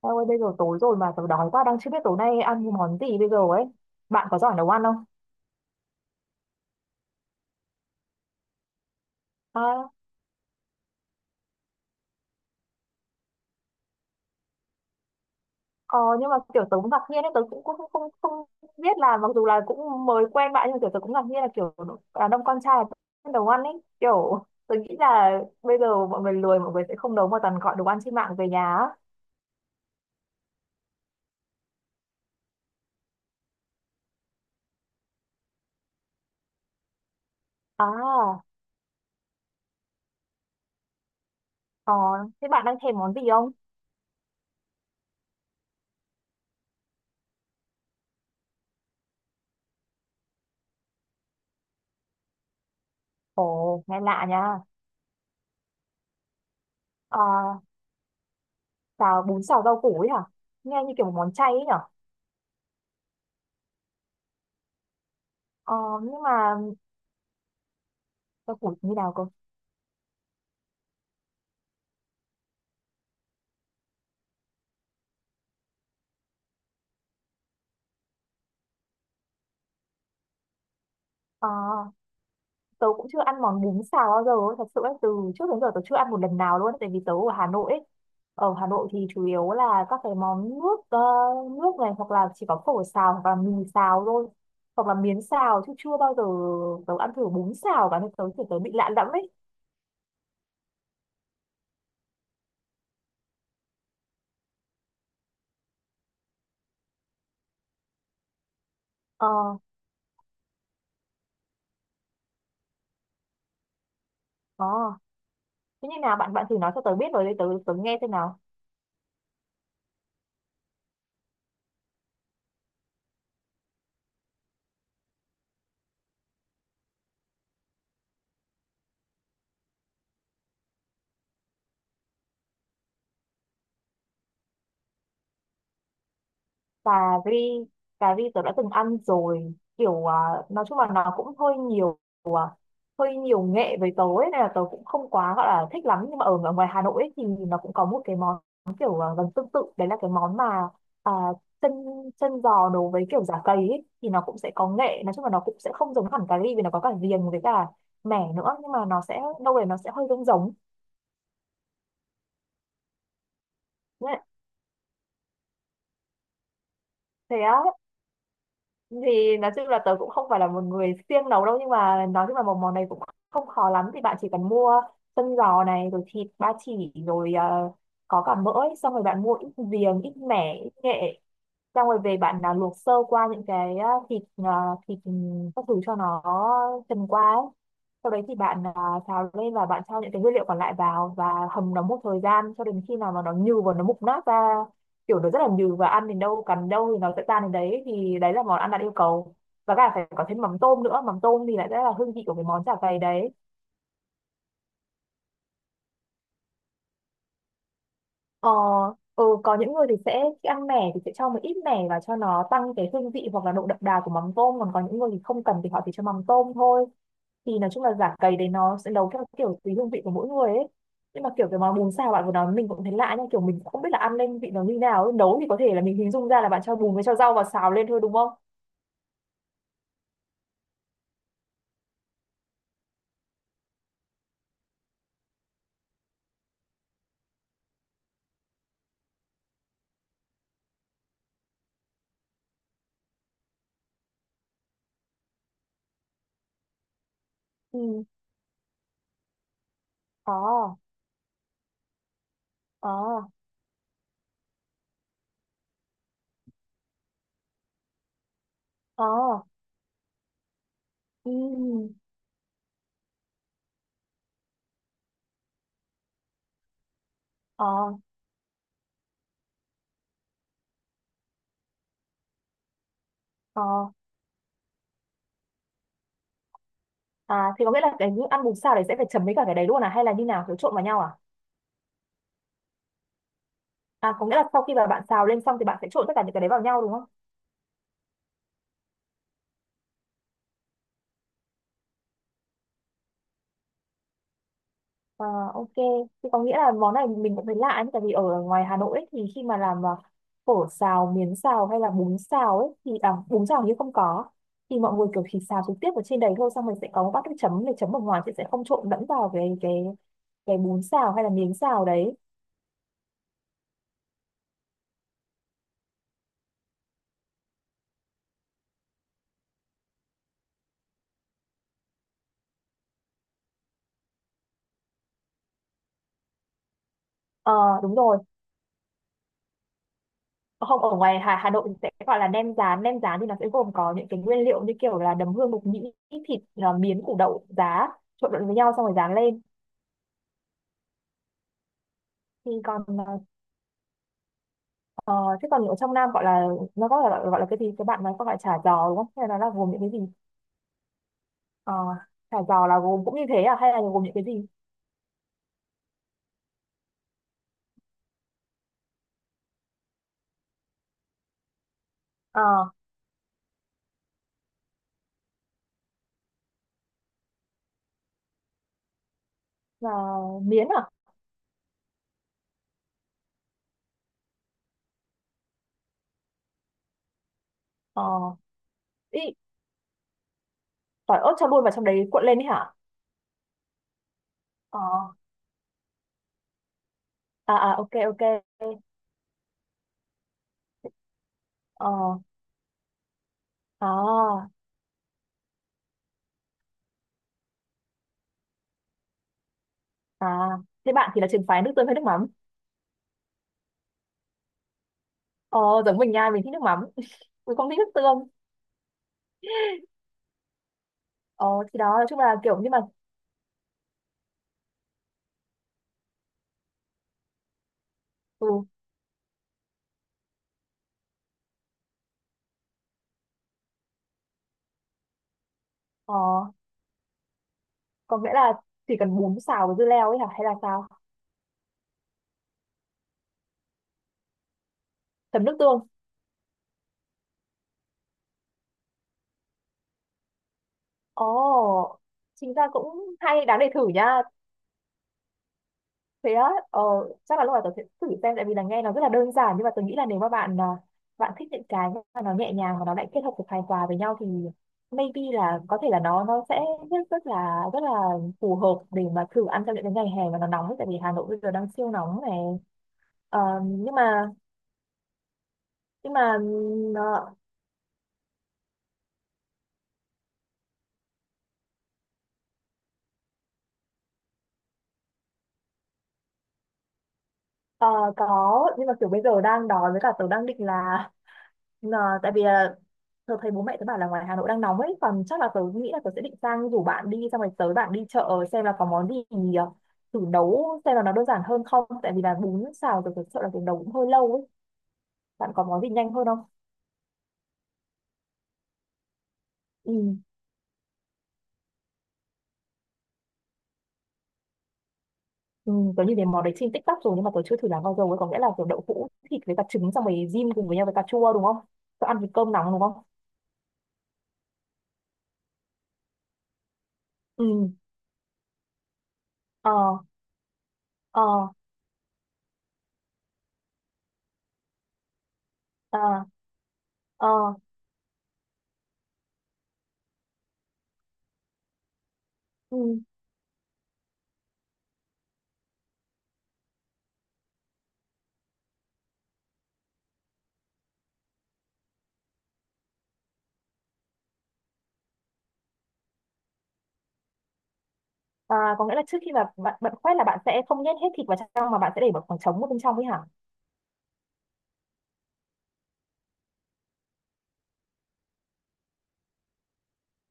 Em ơi, bây giờ tối rồi mà tớ đói quá đang chưa biết tối nay ăn món gì bây giờ ấy. Bạn có giỏi nấu ăn không? À, ờ, nhưng mà kiểu tớ cũng ngạc nhiên ấy, tớ cũng không biết là mặc dù là cũng mới quen bạn nhưng mà kiểu tớ cũng ngạc nhiên là kiểu đàn ông con trai là nấu ăn ấy. Kiểu tớ nghĩ là bây giờ mọi người lười mọi người sẽ không nấu mà toàn gọi đồ ăn trên mạng về nhà á. À, ờ, Thế bạn đang thèm món gì không? Ồ, nghe lạ nha. Ờ, Xào bún xào rau củ ấy hả? Nghe như kiểu một món chay ấy nhở? Ờ, nhưng mà rau củ như nào cơ? Tớ cũng chưa ăn món bún xào bao giờ ấy, thật sự ấy, từ trước đến giờ tớ chưa ăn một lần nào luôn ấy. Tại vì tớ ở Hà Nội ấy, ở Hà Nội thì chủ yếu là các cái món nước, nước này, hoặc là chỉ có phở xào hoặc là mì xào thôi, hoặc là miến xào, chứ chưa bao giờ tớ ăn thử bún xào cả nên tớ thì tớ bị lạ lẫm ấy. Ờ. Ờ, thế như nào, bạn bạn thử nói cho tớ biết rồi để tớ tớ nghe xem nào. Cà ri. Cà ri tớ đã từng ăn rồi, nói chung là nó cũng hơi nhiều, à, hơi nhiều nghệ với tớ ấy, nên là tớ cũng không quá gọi là thích lắm, nhưng mà ở ngoài Hà Nội ấy, thì nó cũng có một cái món kiểu, gần tương tự, đấy là cái món mà, à, chân, chân giò nấu với kiểu giả cầy ấy, thì nó cũng sẽ có nghệ, nói chung là nó cũng sẽ không giống hẳn cà ri vì nó có cả riềng với cả mẻ nữa, nhưng mà nó sẽ đâu đấy nó sẽ hơi giống giống. Thế á, thì nói chung là tớ cũng không phải là một người siêng nấu đâu, nhưng mà nói chung là một món này cũng không khó lắm. Thì bạn chỉ cần mua chân giò này, rồi thịt ba chỉ, rồi có cả mỡ ấy. Xong rồi bạn mua ít giềng, ít mẻ, ít nghệ. Xong rồi về bạn là luộc sơ qua những cái, thịt, à, thịt ừ, các thứ cho nó trần qua ấy. Sau đấy thì bạn, xào lên, và bạn cho những cái nguyên liệu còn lại vào và hầm nó một thời gian cho đến khi nào mà nó nhừ và nó mục nát ra, kiểu nó rất là nhừ và ăn đến đâu cắn đâu thì nó sẽ tan đến đấy, thì đấy là món ăn đạt yêu cầu. Và cả phải có thêm mắm tôm nữa, mắm tôm thì lại rất là hương vị của cái món chả cầy đấy. Ờ, ừ, có những người thì sẽ khi ăn mẻ thì sẽ cho một ít mẻ và cho nó tăng cái hương vị hoặc là độ đậm đà của mắm tôm, còn có những người thì không cần thì họ chỉ cho mắm tôm thôi. Thì nói chung là giả cầy đấy nó sẽ nấu theo kiểu tùy hương vị của mỗi người ấy. Nhưng mà kiểu cái món bún xào bạn vừa nói mình cũng thấy lạ nha, kiểu mình cũng không biết là ăn lên vị nó như nào ấy. Nấu thì có thể là mình hình dung ra là bạn cho bùn với cho rau vào xào lên thôi, đúng không? Ừ. Ờ. Ờ. Ờ. Ừ. Ờ. Ờ. À, thì có nghĩa là cái ăn bún xào đấy sẽ phải chấm với cả cái đấy luôn à, hay là như nào, kiểu trộn vào nhau à? À, có nghĩa là sau khi mà bạn xào lên xong thì bạn sẽ trộn tất cả những cái đấy vào nhau, đúng không? À, ok, thì có nghĩa là món này mình cũng thấy lạ ấy, tại vì ở ngoài Hà Nội ấy, thì khi mà làm, phở xào, miến xào, hay là bún xào ấy, thì bún xào hình như không có. Thì mọi người kiểu chỉ xào trực tiếp ở trên đấy thôi, xong mình sẽ có một bát nước chấm để chấm ở ngoài, thì sẽ không trộn lẫn vào cái bún xào hay là miến xào đấy. Ờ, đúng rồi. Không, ở ngoài Hà Hà Nội thì sẽ gọi là nem rán. Nem rán thì nó sẽ gồm có những cái nguyên liệu như kiểu là đấm hương, mộc nhĩ, thịt, miến, củ đậu, giá, trộn lẫn với nhau xong rồi rán lên. Thì còn ờ, thế còn ở trong Nam gọi là, nó có gọi là, gọi là cái gì, các bạn nói có gọi là chả giò đúng không, hay là nó là gồm những cái gì? Ờ, chả giò là gồm cũng như thế à, hay là gồm những cái gì? Ờ, là miến à. Ờ, ý, tỏi ớt cho luôn vào trong đấy cuộn lên đấy hả? Ờ, ok ok. Ờ, à à thế bạn thì là trường phái nước tương hay nước mắm? Ờ, giống mình nha, mình thích nước mắm, mình không thích nước tương. Ờ, thì đó, nói chung là kiểu như mà, ừ, ờ, có nghĩa là chỉ cần bún xào với dưa leo ấy hả, hay là sao? Chấm nước tương. Ồ, chính ra cũng hay, đáng để thử nha. Thế á, chắc là lúc nào tớ sẽ thử xem, tại vì là nghe nó rất là đơn giản, nhưng mà tớ nghĩ là nếu mà bạn, bạn thích những cái mà nó nhẹ nhàng và nó lại kết hợp được hài hòa với nhau, thì maybe là có thể là nó sẽ rất, rất là phù hợp để mà thử ăn trong những cái ngày hè mà nó nóng ấy, tại vì Hà Nội bây giờ đang siêu nóng này. Ờ, nhưng mà nhưng mà ờ, ờ, có, nhưng mà kiểu bây giờ đang đói với cả tớ đang định là, ờ, tại vì là tớ thấy bố mẹ tớ bảo là ngoài Hà Nội đang nóng ấy, còn chắc là tớ nghĩ là tớ sẽ định sang rủ bạn đi, xong rồi tới bạn đi chợ xem là có món gì, ờ, thử nấu xem là nó đơn giản hơn không, tại vì là bún xào tớ thật sợ là tớ nấu cũng hơi lâu ấy. Bạn có món gì nhanh hơn không? Ừ. Ừ, tớ nhìn thấy món đấy trên TikTok rồi, nhưng mà tớ chưa thử làm bao giờ ấy. Có nghĩa là kiểu đậu hũ thịt với cả trứng xong rồi rim cùng với nhau với cà chua đúng không? Tớ ăn với cơm nóng đúng không? Ừ. Ờ. Ờ. Ờ. Ờ. Ừ. À, có nghĩa là trước khi mà bạn, bạn quét là bạn sẽ không nhét hết thịt vào trong, mà bạn sẽ để một khoảng trống ở bên trong ấy hả?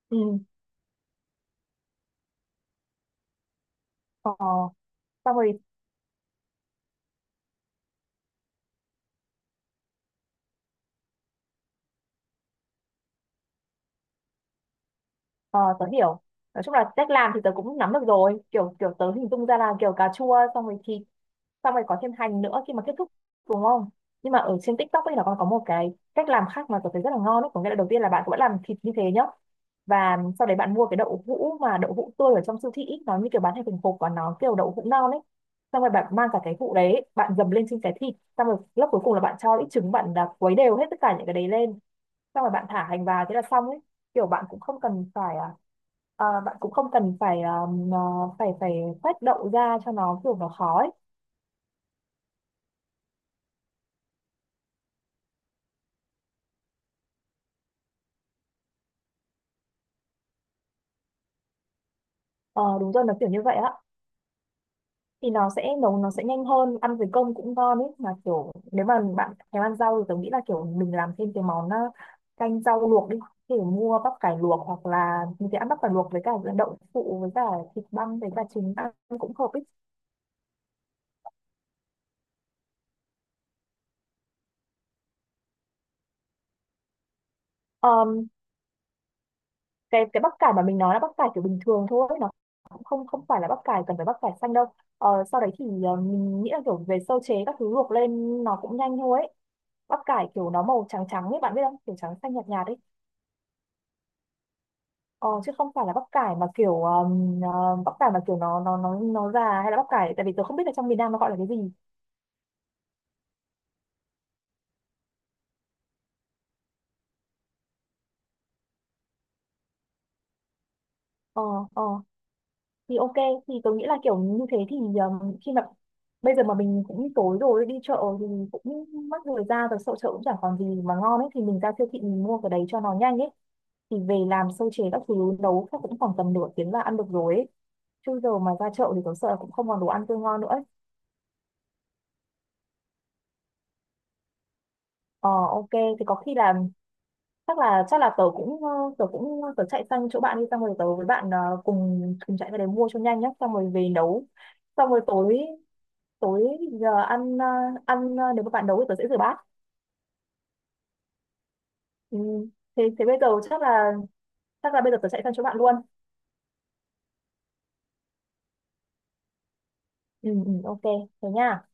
Ừ. Ờ. Xong rồi. Ờ, Tớ hiểu. Nói chung là cách làm thì tớ cũng nắm được rồi, kiểu kiểu tớ hình dung ra là kiểu cà chua xong rồi thịt, xong rồi có thêm hành nữa khi mà kết thúc, đúng không? Nhưng mà ở trên TikTok ấy là còn có một cái cách làm khác mà tôi thấy rất là ngon ấy. Có nghĩa là đầu tiên là bạn cũng làm thịt như thế nhá, và sau đấy bạn mua cái đậu hũ, mà đậu hũ tươi ở trong siêu thị ý, nó như kiểu bán thành từng hộp và nó kiểu đậu hũ non ấy, xong rồi bạn mang cả cái hũ đấy bạn dầm lên trên cái thịt, xong rồi lớp cuối cùng là bạn cho ít trứng, bạn là quấy đều hết tất cả những cái đấy lên, xong rồi bạn thả hành vào thế là xong ấy. Kiểu bạn cũng không cần phải, bạn cũng không cần phải, à, phải khoét đậu ra cho nó kiểu nó khó ấy. Ờ, đúng rồi, nó kiểu như vậy á. Thì nó sẽ nấu, nó sẽ nhanh hơn, ăn với cơm cũng ngon ấy. Mà kiểu nếu mà bạn thèm ăn rau thì tớ nghĩ là kiểu mình làm thêm cái món, canh rau luộc đi, kiểu mua bắp cải luộc, hoặc là mình sẽ ăn bắp cải luộc với cả đậu phụ với cả thịt băm với cả trứng ăn cũng hợp ấy. Ờm, cái bắp cải mà mình nói là bắp cải kiểu bình thường thôi, nó cũng không không phải là bắp cải cần phải bắp cải xanh đâu. Ờ, sau đấy thì mình nghĩ là kiểu về sơ chế các thứ luộc lên nó cũng nhanh thôi ấy. Bắp cải kiểu nó màu trắng trắng ấy bạn biết không, kiểu trắng xanh nhạt nhạt ấy. Ờ, chứ không phải là bắp cải mà kiểu bắp cải mà kiểu nó già, hay là bắp cải, tại vì tớ không biết là trong miền Nam nó gọi là cái gì. Ờ. Ờ. Thì ok, thì tớ nghĩ là kiểu như thế thì, khi mà bây giờ mà mình cũng tối rồi, đi chợ thì cũng mất thời gian rồi, sợ chợ cũng chẳng còn gì mà ngon ấy, thì mình ra siêu thị mình mua cái đấy cho nó nhanh ấy, thì về làm sơ chế các thứ nấu chắc cũng khoảng tầm nửa tiếng là ăn được rồi ấy. Chứ giờ mà ra chợ thì tớ sợ là cũng không còn đồ ăn tươi ngon nữa ấy. Ờ, ok, thì có khi là, chắc là tớ cũng, tớ cũng tớ chạy sang chỗ bạn đi, xong rồi tớ với bạn, cùng cùng chạy ra đấy mua cho nhanh nhá, xong rồi về nấu, xong rồi tối tối giờ ăn, ăn, nếu mà bạn nấu thì tớ sẽ rửa bát. Ừ. thế thế bây giờ chắc là, chắc là bây giờ tớ chạy sang chỗ bạn luôn. Ừ, ừ, ok. Thế nha.